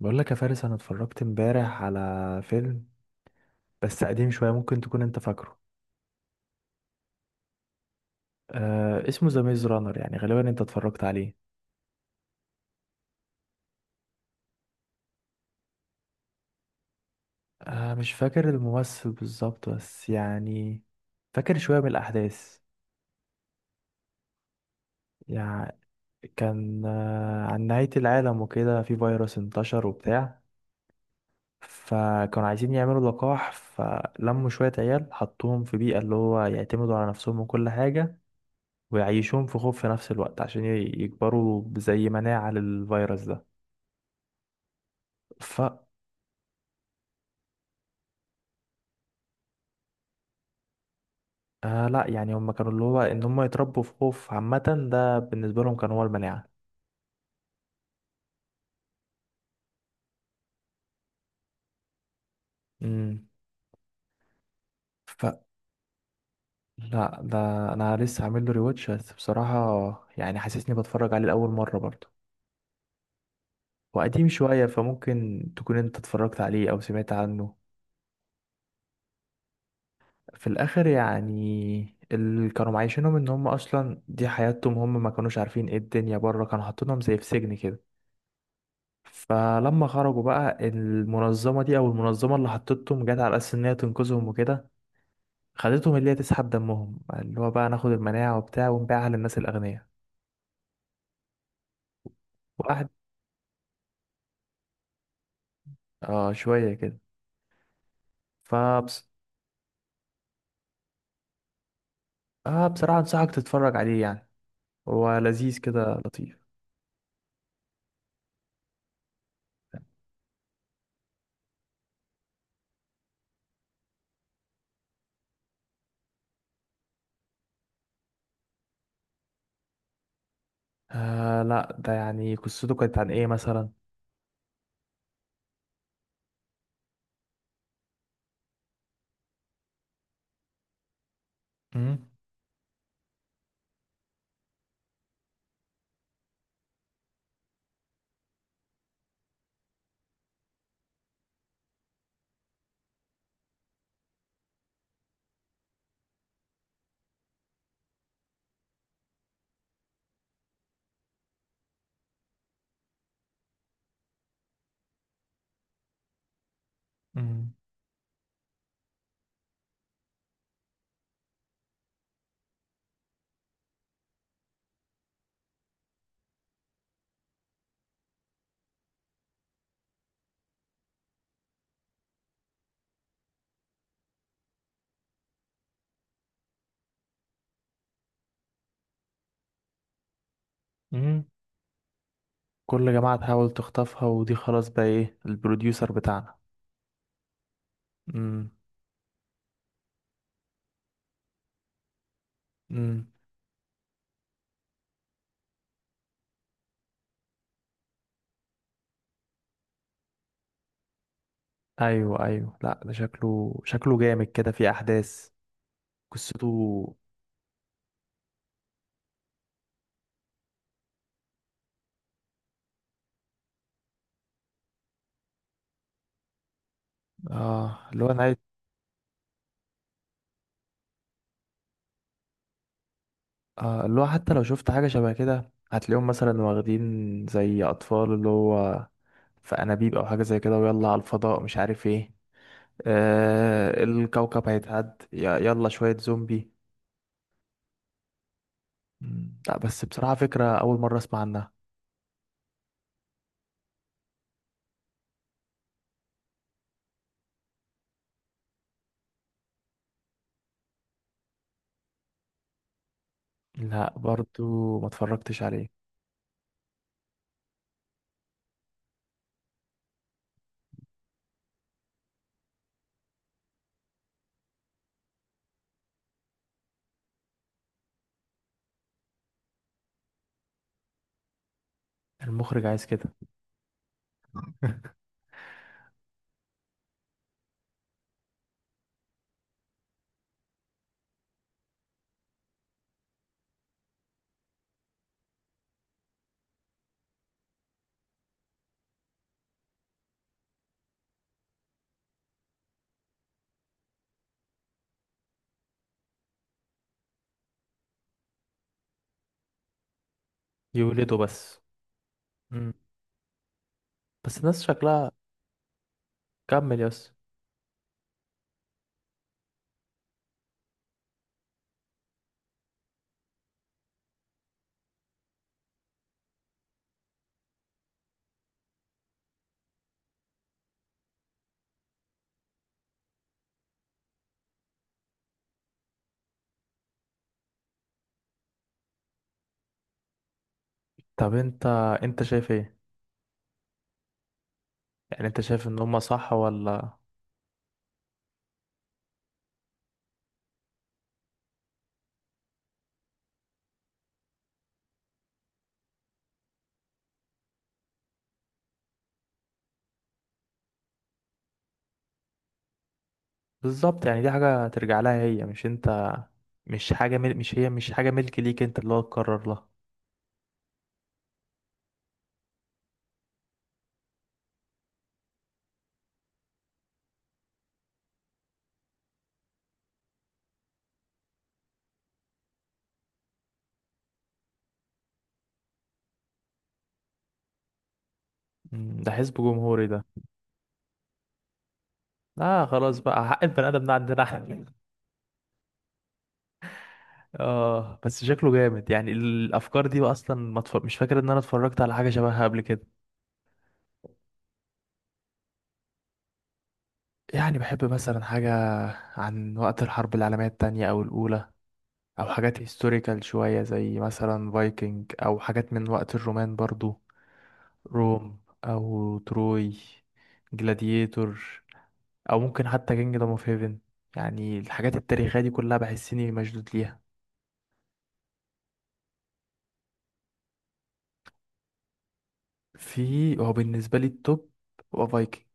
بقول لك يا فارس، انا اتفرجت امبارح على فيلم بس قديم شويه، ممكن تكون انت فاكره. اسمه ذا ميز رانر، يعني غالبا انت اتفرجت عليه. مش فاكر الممثل بالظبط، بس يعني فاكر شويه من الاحداث. يعني كان عن نهايه العالم وكده، في فيروس انتشر وبتاع. فكانوا عايزين يعملوا لقاح، فلموا شويه عيال حطوهم في بيئه اللي هو يعتمدوا على نفسهم وكل حاجه، ويعيشوهم في خوف في نفس الوقت عشان يكبروا زي مناعة للفيروس ده. ف لا يعني هم كانوا اللي هو ان هم يتربوا في خوف، عامة ده بالنسبة لهم كان هو المناعة. امم ف لا ده انا لسه عامل له ريواتش، بس بصراحة يعني حاسسني بتفرج عليه لأول مرة برضه. وقديم شوية، فممكن تكون انت اتفرجت عليه او سمعت عنه. في الاخر يعني اللي كانوا معايشينهم ان هم اصلا دي حياتهم، هم ما كانوش عارفين ايه الدنيا بره، كانوا حاطينهم زي في سجن كده. فلما خرجوا بقى، المنظمة دي او المنظمة اللي حطتهم، جت على اساس ان هي تنقذهم وكده، خدتهم اللي هي تسحب دمهم اللي هو بقى ناخد المناعة وبتاع ونبيعها للناس الأغنياء. واحد. اه شوية كده. فبس آه بصراحة أنصحك تتفرج عليه يعني، هو لذيذ كده لطيف. آه لا، ده يعني قصته كانت عن إيه مثلا؟ مم، مم، مم. كل جماعة تحاول تخطفها، ودي خلاص بقى إيه، البروديوسر بتاعنا. مم، مم. أيوه أيوه، لا ده شكله شكله جامد كده في أحداث. قصته. اه اللي هو أنا عايز. آه، اللي هو حتى لو شفت حاجة شبه كده، هتلاقيهم مثلا واخدين زي أطفال اللي هو في أنابيب أو حاجة زي كده، ويلا على الفضاء مش عارف ايه. آه الكوكب هيتعد يلا شوية زومبي. مم، لا بس بصراحة فكرة أول مرة أسمع عنها. لا برضو ما اتفرجتش عليه. المخرج عايز كده. يولده بس. مم. بس الناس شكلها. كمل يس. طب انت شايف ايه؟ يعني انت شايف ان هما صح ولا؟ بالظبط، يعني دي حاجة ترجع لها هي، مش انت. مش حاجة مش مش حاجة ملك ليك انت اللي هو تقرر لها. مم، ده حزب جمهوري ده. اه خلاص بقى، حق البني ادم ده عندنا احنا. اه بس شكله جامد يعني، الافكار دي بقى اصلا ما اتف... مش فاكر ان انا اتفرجت على حاجة شبهها قبل كده. يعني بحب مثلا حاجة عن وقت الحرب العالمية التانية او الاولى، او حاجات هيستوريكال شوية، زي مثلا فايكنج، او حاجات من وقت الرومان برضو. روم، او تروي، جلاديتور، او ممكن حتى كينجدوم اوف هيفن. يعني الحاجات التاريخيه دي كلها بحس اني مشدود ليها. في هو بالنسبه لي التوب، هو فايكنج.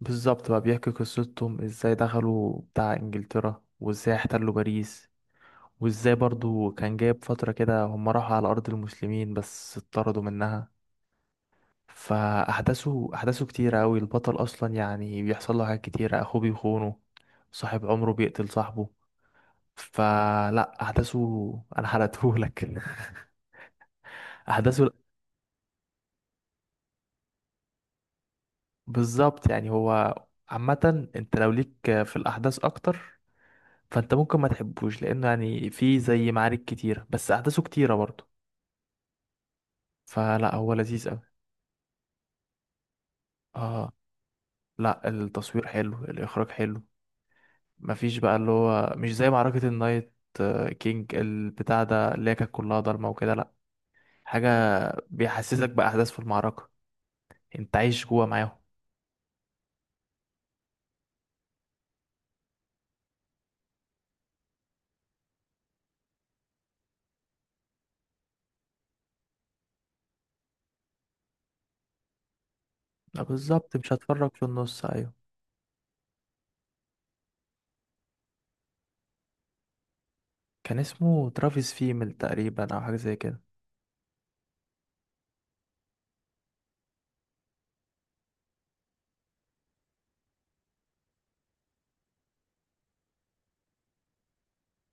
بالظبط، بقى بيحكي قصتهم ازاي دخلوا بتاع انجلترا، وازاي احتلوا باريس، وازاي برضو كان جايب فتره كده هم راحوا على ارض المسلمين بس اتطردوا منها. احداثه كتيره قوي، البطل اصلا يعني بيحصل له حاجات كتيره، اخوه بيخونه، صاحب عمره بيقتل صاحبه. فلا احداثه، انا حرقتهولك. احداثه، بالظبط. يعني هو، عامة انت لو ليك في الأحداث أكتر، فانت ممكن ما تحبوش، لأنه يعني فيه زي معارك كتيرة، بس أحداثه كتيرة برضه. فلا هو لذيذ أوي. اه لا، التصوير حلو، الإخراج حلو. مفيش بقى اللي هو مش زي معركة النايت، آه، كينج البتاع ده اللي هي كانت كلها ضلمة وكده، لا حاجة بيحسسك بأحداث في المعركة، انت عايش جوا معاهم. لا بالظبط، مش هتفرج في النص، أيوه. كان اسمه ترافيس فيمل تقريبا، أو حاجة زي كده.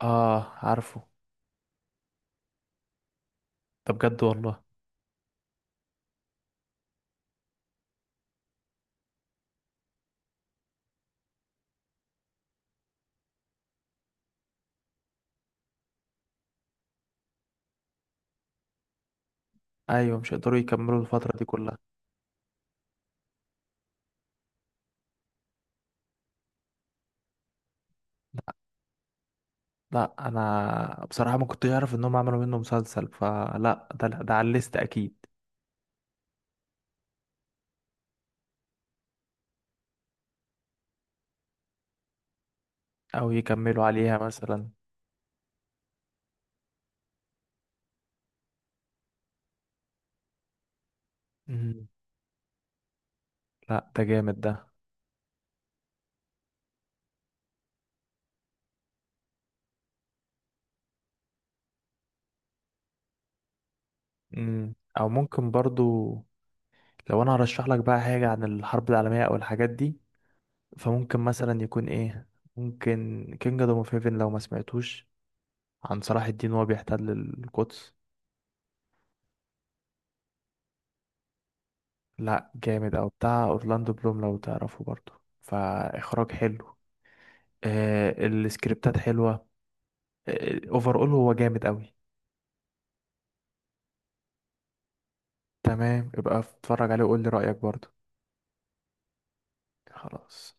اه عارفه. ده بجد والله. ايوه مش هيقدروا يكملوا الفتره دي كلها. لا لا، انا بصراحه ما كنتش اعرف انهم عملوا منه مسلسل، فلا ده على الليست اكيد. او يكملوا عليها مثلا. مم. لا ده جامد ده. مم. او ممكن برضو، لو انا هرشح لك بقى حاجه عن الحرب العالميه او الحاجات دي، فممكن مثلا يكون ايه، ممكن كينج دوم اوف هيفن لو ما سمعتوش، عن صلاح الدين وهو بيحتل القدس. لا جامد، او بتاع اورلاندو بلوم لو تعرفه برضو، فاخراج حلو، آه السكريبتات حلوة، اوفر اول هو جامد قوي. تمام، يبقى اتفرج عليه وقول لي رأيك برضو. خلاص.